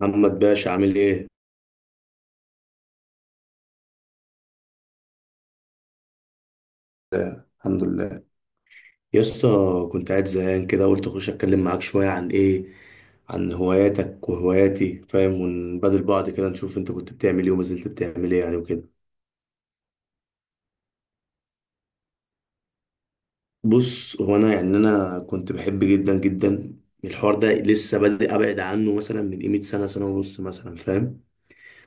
محمد باشا، عامل ايه؟ الحمد لله. يا اسطى كنت قاعد زهقان كده، قلت اخش اتكلم معاك شويه عن ايه، عن هواياتك وهواياتي، فاهم، ونبادل بعض كده، نشوف انت كنت بتعمل ايه وما زلت بتعمل ايه يعني وكده. بص، هو انا يعني كنت بحب جدا جدا الحوار ده، لسه بادئ ابعد عنه مثلا من قيمه سنه سنه ونص مثلا، فاهم.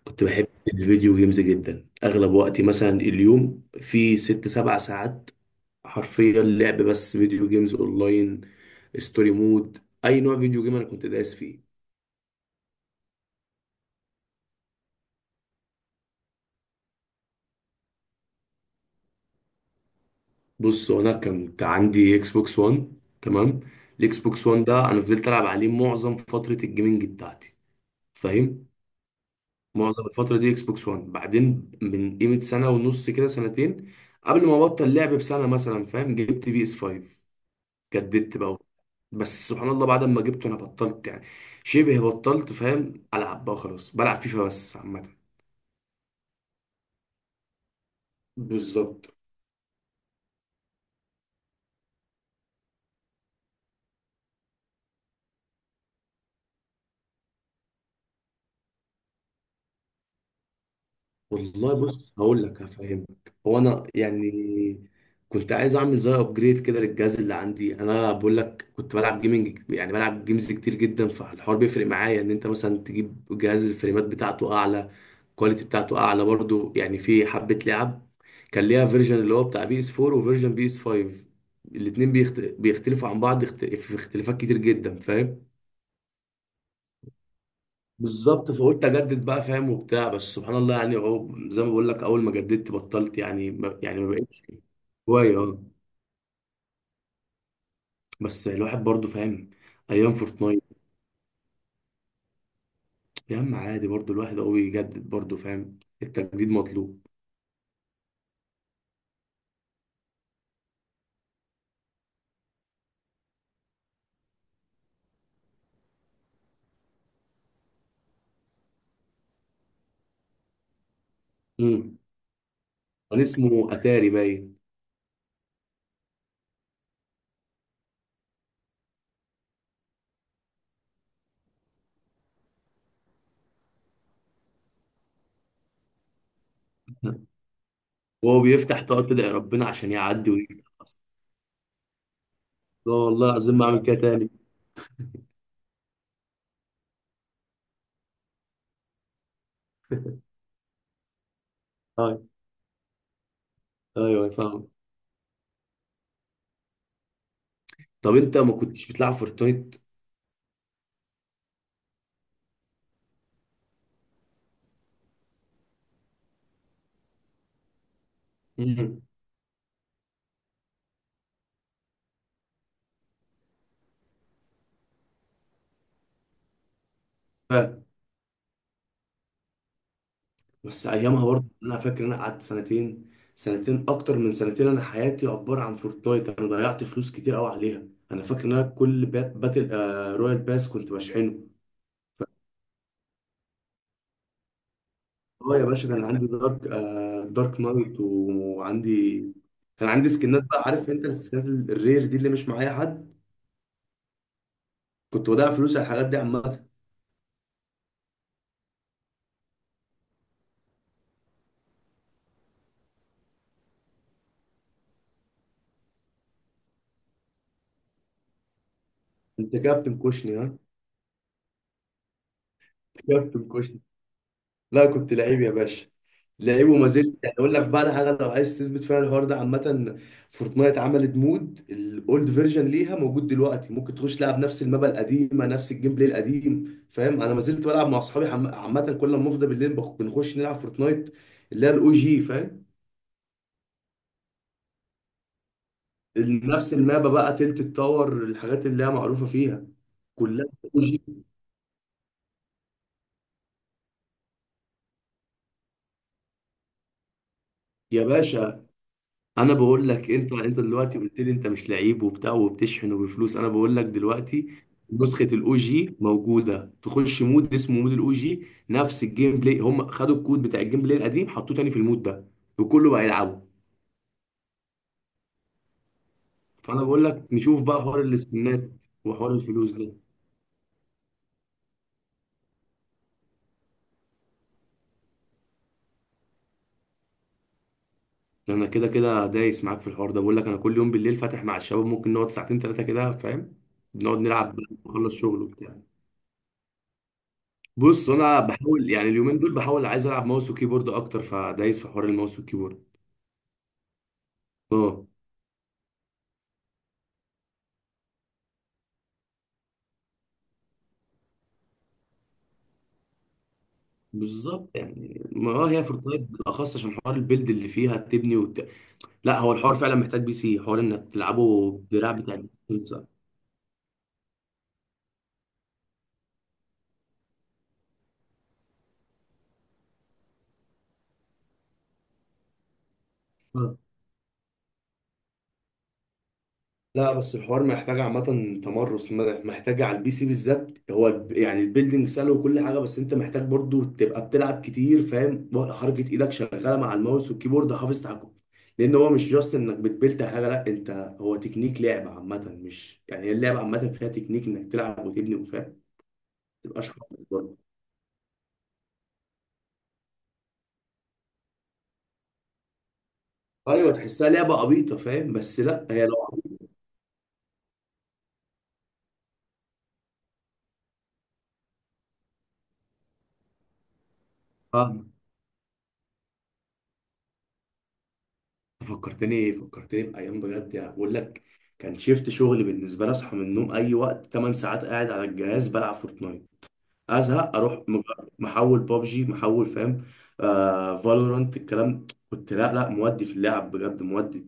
كنت بحب الفيديو جيمز جدا، اغلب وقتي مثلا اليوم في ست سبع ساعات حرفيا لعب بس، فيديو جيمز اونلاين، ستوري مود. اي نوع فيديو جيم انا كنت دايس فيه. بص، هو انا كنت عندي اكس بوكس 1. تمام. الاكس بوكس 1 ده انا فضلت العب عليه معظم فتره الجيمنج بتاعتي، فاهم. معظم الفتره دي اكس بوكس 1، بعدين من قيمه سنه ونص كده سنتين قبل ما ابطل لعب بسنه مثلا، فاهم، جبت بي اس 5. جددت بقى. بس سبحان الله بعد ما جبته انا بطلت يعني، شبه بطلت، فاهم، العب بقى. خلاص بلعب فيفا بس عامه. بالظبط. والله بص هقول لك هفهمك. هو انا يعني كنت عايز اعمل زي ابجريد كده للجهاز اللي عندي. انا بقول لك كنت بلعب جيمنج، يعني بلعب جيمز كتير جدا، فالحوار بيفرق معايا ان انت مثلا تجيب جهاز الفريمات بتاعته اعلى، الكواليتي بتاعته اعلى برضو. يعني في حبة لعب كان ليها فيرجن اللي هو بتاع بي اس 4 وفيرجن بي اس 5، الاتنين بيختلفوا عن بعض، في اختلافات كتير جدا، فاهم. بالظبط. فقلت اجدد بقى، فاهم وبتاع. بس سبحان الله، يعني اهو زي ما بقول لك، اول ما جددت بطلت يعني، ما بقتش هوايه. اه بس الواحد برضو فاهم ايام فورتنايت. يا عم عادي، برضو الواحد هو يجدد برضو، فاهم، التجديد مطلوب. امم كان اسمه اتاري باين. وهو بيفتح تقعد تدعي ربنا عشان يعدي ويفتح اصلا. لا والله العظيم ما اعمل كده تاني. ايوه. ايوه فاهم. طب انت ما كنتش بتلعب فورتنايت؟ امم بس ايامها برضه انا فاكر إن انا قعدت سنتين، اكتر من سنتين، انا حياتي عباره عن فورتنايت. انا ضيعت فلوس كتير قوي عليها. انا فاكر ان انا كل باتل رويال باس كنت بشحنه. اه يا باشا، كان عندي دارك، دارك نايت، وعندي كان عندي سكنات بقى. عارف انت السكنات الرير دي اللي مش معايا حد. كنت بضيع فلوس على الحاجات دي عامه. انت كابتن كوشني ها؟ كابتن. لا كنت لعيب يا باشا. لعيب وما زلت يعني. اقول لك بقى على حاجه لو عايز تثبت فيها الحوار ده عامه. فورتنايت عملت مود الاولد فيرجن ليها، موجود دلوقتي، ممكن تخش تلعب نفس المابا القديمه، نفس الجيم بلاي القديم، فاهم. انا ما زلت بلعب مع اصحابي عامه كل ما افضى بالليل بنخش نلعب فورتنايت اللي هي الاو جي، فاهم. نفس المابا بقى، تلت التاور، الحاجات اللي هي معروفه فيها كلها، او جي. يا باشا، انا بقول لك، انت دلوقتي قلت لي انت مش لعيب وبتاع وبتشحن وبفلوس، انا بقول لك دلوقتي نسخه الاو جي موجوده، تخش مود اسمه مود الاو جي، نفس الجيم بلاي، هم خدوا الكود بتاع الجيم بلاي القديم حطوه تاني في المود ده وكله بقى يلعبه. فانا بقول لك نشوف بقى حوار السكنات وحوار الفلوس ده. ده انا كده كده دايس معاك في الحوار ده، بقول لك انا كل يوم بالليل فاتح مع الشباب، ممكن نقعد ساعتين ثلاثه كده، فاهم، نقعد نلعب بقى، نخلص شغل وبتاع. بص، انا بحاول يعني اليومين دول، بحاول عايز العب ماوس وكيبورد اكتر، فدايس في حوار الماوس والكيبورد. اه بالظبط، يعني ما اه هي فورتنايت بالاخص عشان حوار البيلد اللي فيها، تبني لا، هو الحوار فعلا محتاج بي سي، حوار انك تلعبه بدراع بتاع ال PC. لا بس الحوار محتاج عامة تمرس، محتاج على البي سي بالذات. هو يعني البيلدينج سهل وكل حاجة، بس انت محتاج برضو تبقى بتلعب كتير، فاهم، ولا حركة ايدك شغالة مع الماوس والكيبورد، حافظ تحكم. لان هو مش جاست انك بتبيلد حاجة، لا، انت هو تكنيك لعب عامة. مش يعني هي اللعبة عامة فيها تكنيك انك تلعب وتبني وفاهم، ما تبقاش حافظ برضه. ايوه، تحسها لعبة عبيطة فاهم، بس لا، هي لو فكرتني إيه؟ فكرتني بأيام بجد يعني. بقول لك كان شيفت شغل بالنسبة لي. أصحى من النوم، أي وقت، 8 ساعات قاعد على الجهاز بلعب فورتنايت. أزهق أروح محول بابجي، محول فاهم، فالورانت، الكلام. كنت لا لا مودي في اللعب بجد، مودي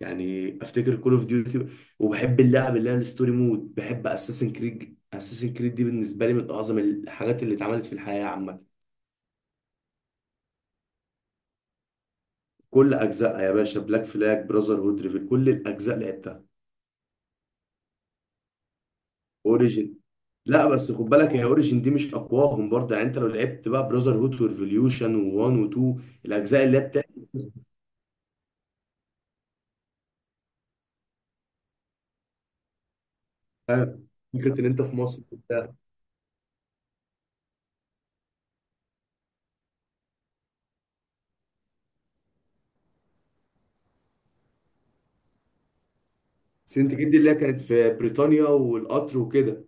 يعني. أفتكر كول أوف ديوتي. وبحب اللعب اللي هي الستوري مود. بحب أساسن كريد. أساسن كريد دي بالنسبة لي من أعظم الحاجات اللي اتعملت في الحياة عامة. كل أجزائها يا باشا، بلاك فلاج، براذر هود، ريفل، كل الأجزاء لعبتها. اوريجن. لا بس خد بالك، هي اوريجن دي مش اقواهم برضه. يعني انت لو لعبت بقى براذر هود وريفوليوشن و1 و2، الاجزاء اللي هي بتاع فكره ان انت في مصر وبتاع. سنتجد دي اللي هي كانت في بريطانيا والقطر وكده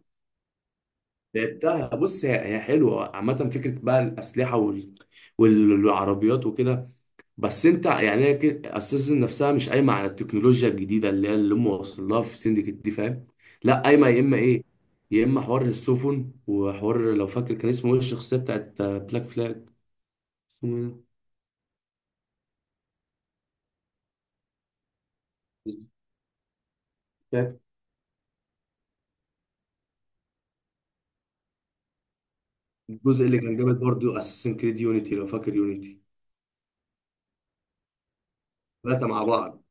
لعبتها. بص هي هي حلوه عامه، فكره بقى الاسلحه والعربيات وكده. بس انت يعني هي كده اساسا نفسها مش قايمه على التكنولوجيا الجديده اللي هي اللي هم واصلين لها في سندكت دي، فاهم. لا قايمه، يا اما ايه، يا اما حوار السفن وحوار، لو فاكر كان اسمه ايه الشخصيه بتاعت بلاك فلاج؟ فاكر؟ الجزء اللي كان جامد برضه اساسن كريد يونيتي، لو فاكر يونيتي. ثلاثه مع بعض،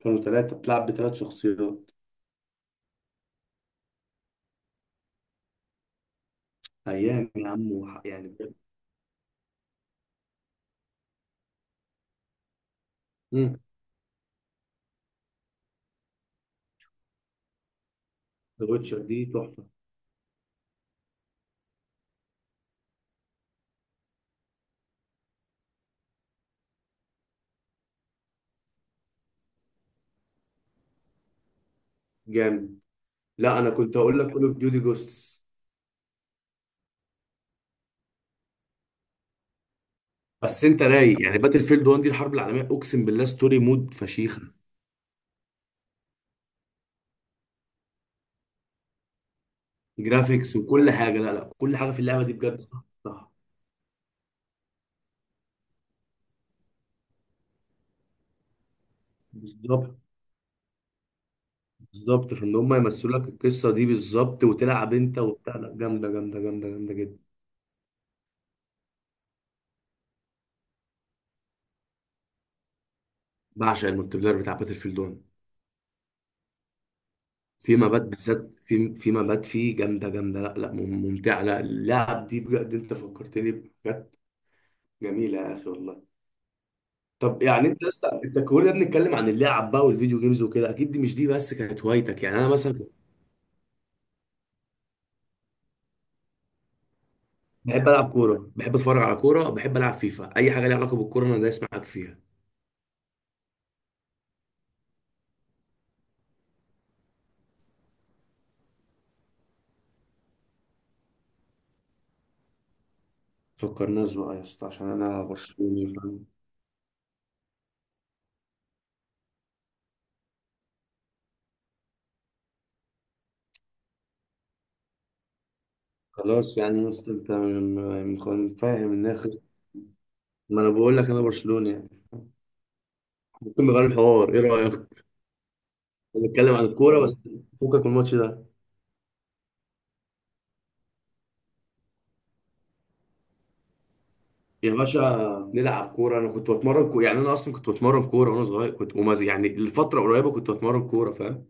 كانوا ثلاثة بتلعب بثلاث شخصيات. ايام يا عم يعني بجد. مم. ذا ويتشر دي تحفه. جامد. لا انا كنت هقول لك كول اوف ديوتي جوستس. بس انت رايق يعني، باتل فيلد 1 دي الحرب العالميه، اقسم بالله ستوري مود فشيخه. جرافيكس وكل حاجه، لا لا، كل حاجه في اللعبه دي بجد صح. صح. بالظبط. بالظبط، فان هم يمثلوا لك القصه دي بالظبط، وتلعب انت وبتاع. لا جامده جامده جامده جامده جدا. بعشق الملتي بلاير بتاع باتل فيلد 1. في مبات بالذات، في مبات فيه جامده، جامده لا لا ممتعه. لا اللعب دي بجد انت فكرتني، بجد، جميله يا اخي والله. طب يعني انت لسه، انت كلنا بنتكلم عن اللعب بقى والفيديو جيمز وكده، اكيد دي مش دي بس كانت هوايتك يعني. انا مثلا بحب العب كوره، بحب اتفرج على كوره، بحب العب فيفا، اي حاجه ليها علاقه بالكوره انا دايس معاك فيها. فكرناش بقى يا اسطى عشان انا برشلوني، فاهم. خلاص يعني يا اسطى انت فاهم ان اخر، ما انا بقول لك انا برشلوني يعني. ممكن نغير الحوار، ايه رايك؟ نتكلم عن الكوره بس. فكك من الماتش ده. يا باشا نلعب كوره، انا كنت بتمرن كوره يعني، انا اصلا كنت بتمرن كوره وانا صغير، كنت يعني الفتره قريبه كنت بتمرن كوره، فاهم.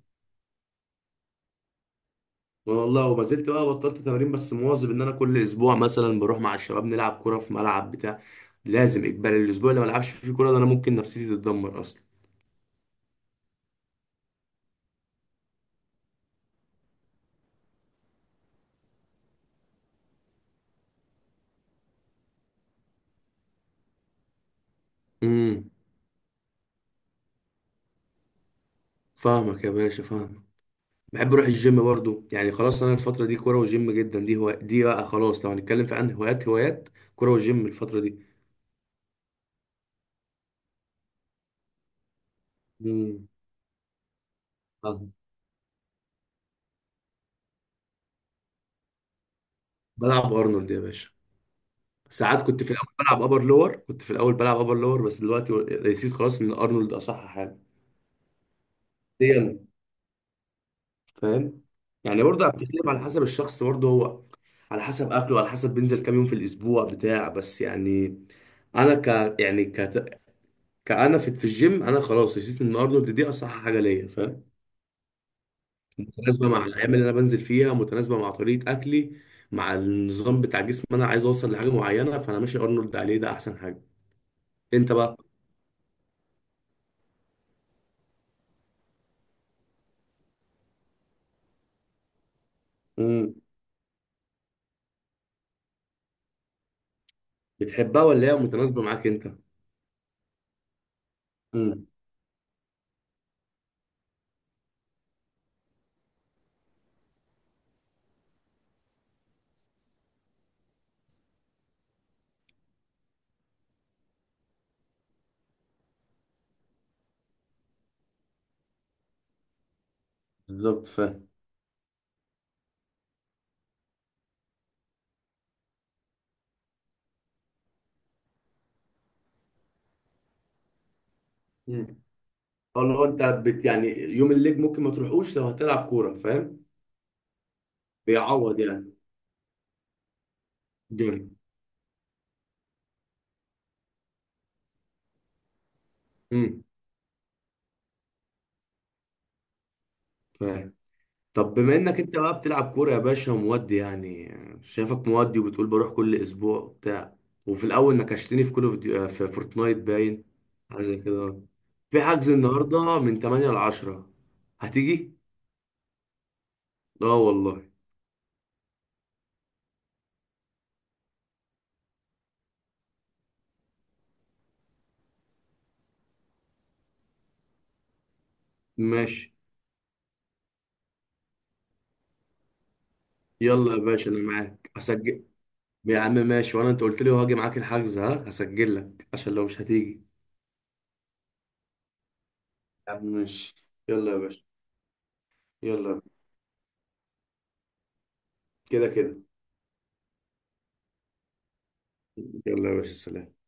والله وما زلت بقى، بطلت تمارين بس مواظب ان انا كل اسبوع مثلا بروح مع الشباب نلعب كوره في ملعب بتاع. لازم اجباري، الاسبوع اللي ما العبش فيه كوره ده انا ممكن نفسيتي تتدمر اصلا. امم فاهمك يا باشا، فاهمك. بحب اروح الجيم برضو يعني. خلاص انا الفتره دي كوره وجيم جدا، دي هو دي بقى خلاص. لو هنتكلم في عن هوايات، هوايات كوره وجيم الفتره دي. امم فاهم. بلعب ارنولد يا باشا. ساعات كنت في الاول بلعب ابر لور، بس دلوقتي نسيت خلاص ان ارنولد اصح حاجه. ليه؟ فاهم. يعني برضه بتختلف على حسب الشخص برضه، هو على حسب اكله، على حسب بينزل كام يوم في الاسبوع بتاع، بس يعني انا ك يعني ك كأنا في الجيم انا خلاص رسيت ان ارنولد دي اصح حاجه ليا، فاهم. متناسبه مع الايام اللي انا بنزل فيها، متناسبه مع طريقه اكلي، مع النظام بتاع جسمي. انا عايز اوصل لحاجه معينه فانا ماشي ارنولد، عليه ده احسن حاجه. انت بقى. امم بتحبها ولا هي متناسبه معاك انت؟ امم بالظبط فاهم. اه اللي هو انت بت يعني يوم الليج ممكن ما تروحوش لو هتلعب كوره، فاهم. بيعوض يعني. جامد. امم فاهم. طب بما انك انت بقى بتلعب كوره يا باشا، ومودي يعني، شايفك مودي وبتقول بروح كل اسبوع وبتاع، وفي الاول نكشتني في في فورتنايت باين، حاجه زي كده، في حجز النهارده من 8 ل 10، هتيجي؟ اه والله. ماشي يلا يا باشا انا معاك هسجل. يا عم ماشي، وانا انت قلت لي هاجي معاك الحجز، ها هسجل لك عشان لو مش هتيجي. يا عم ماشي يلا يا باشا. يلا. كده كده. يلا يا باشا سلام.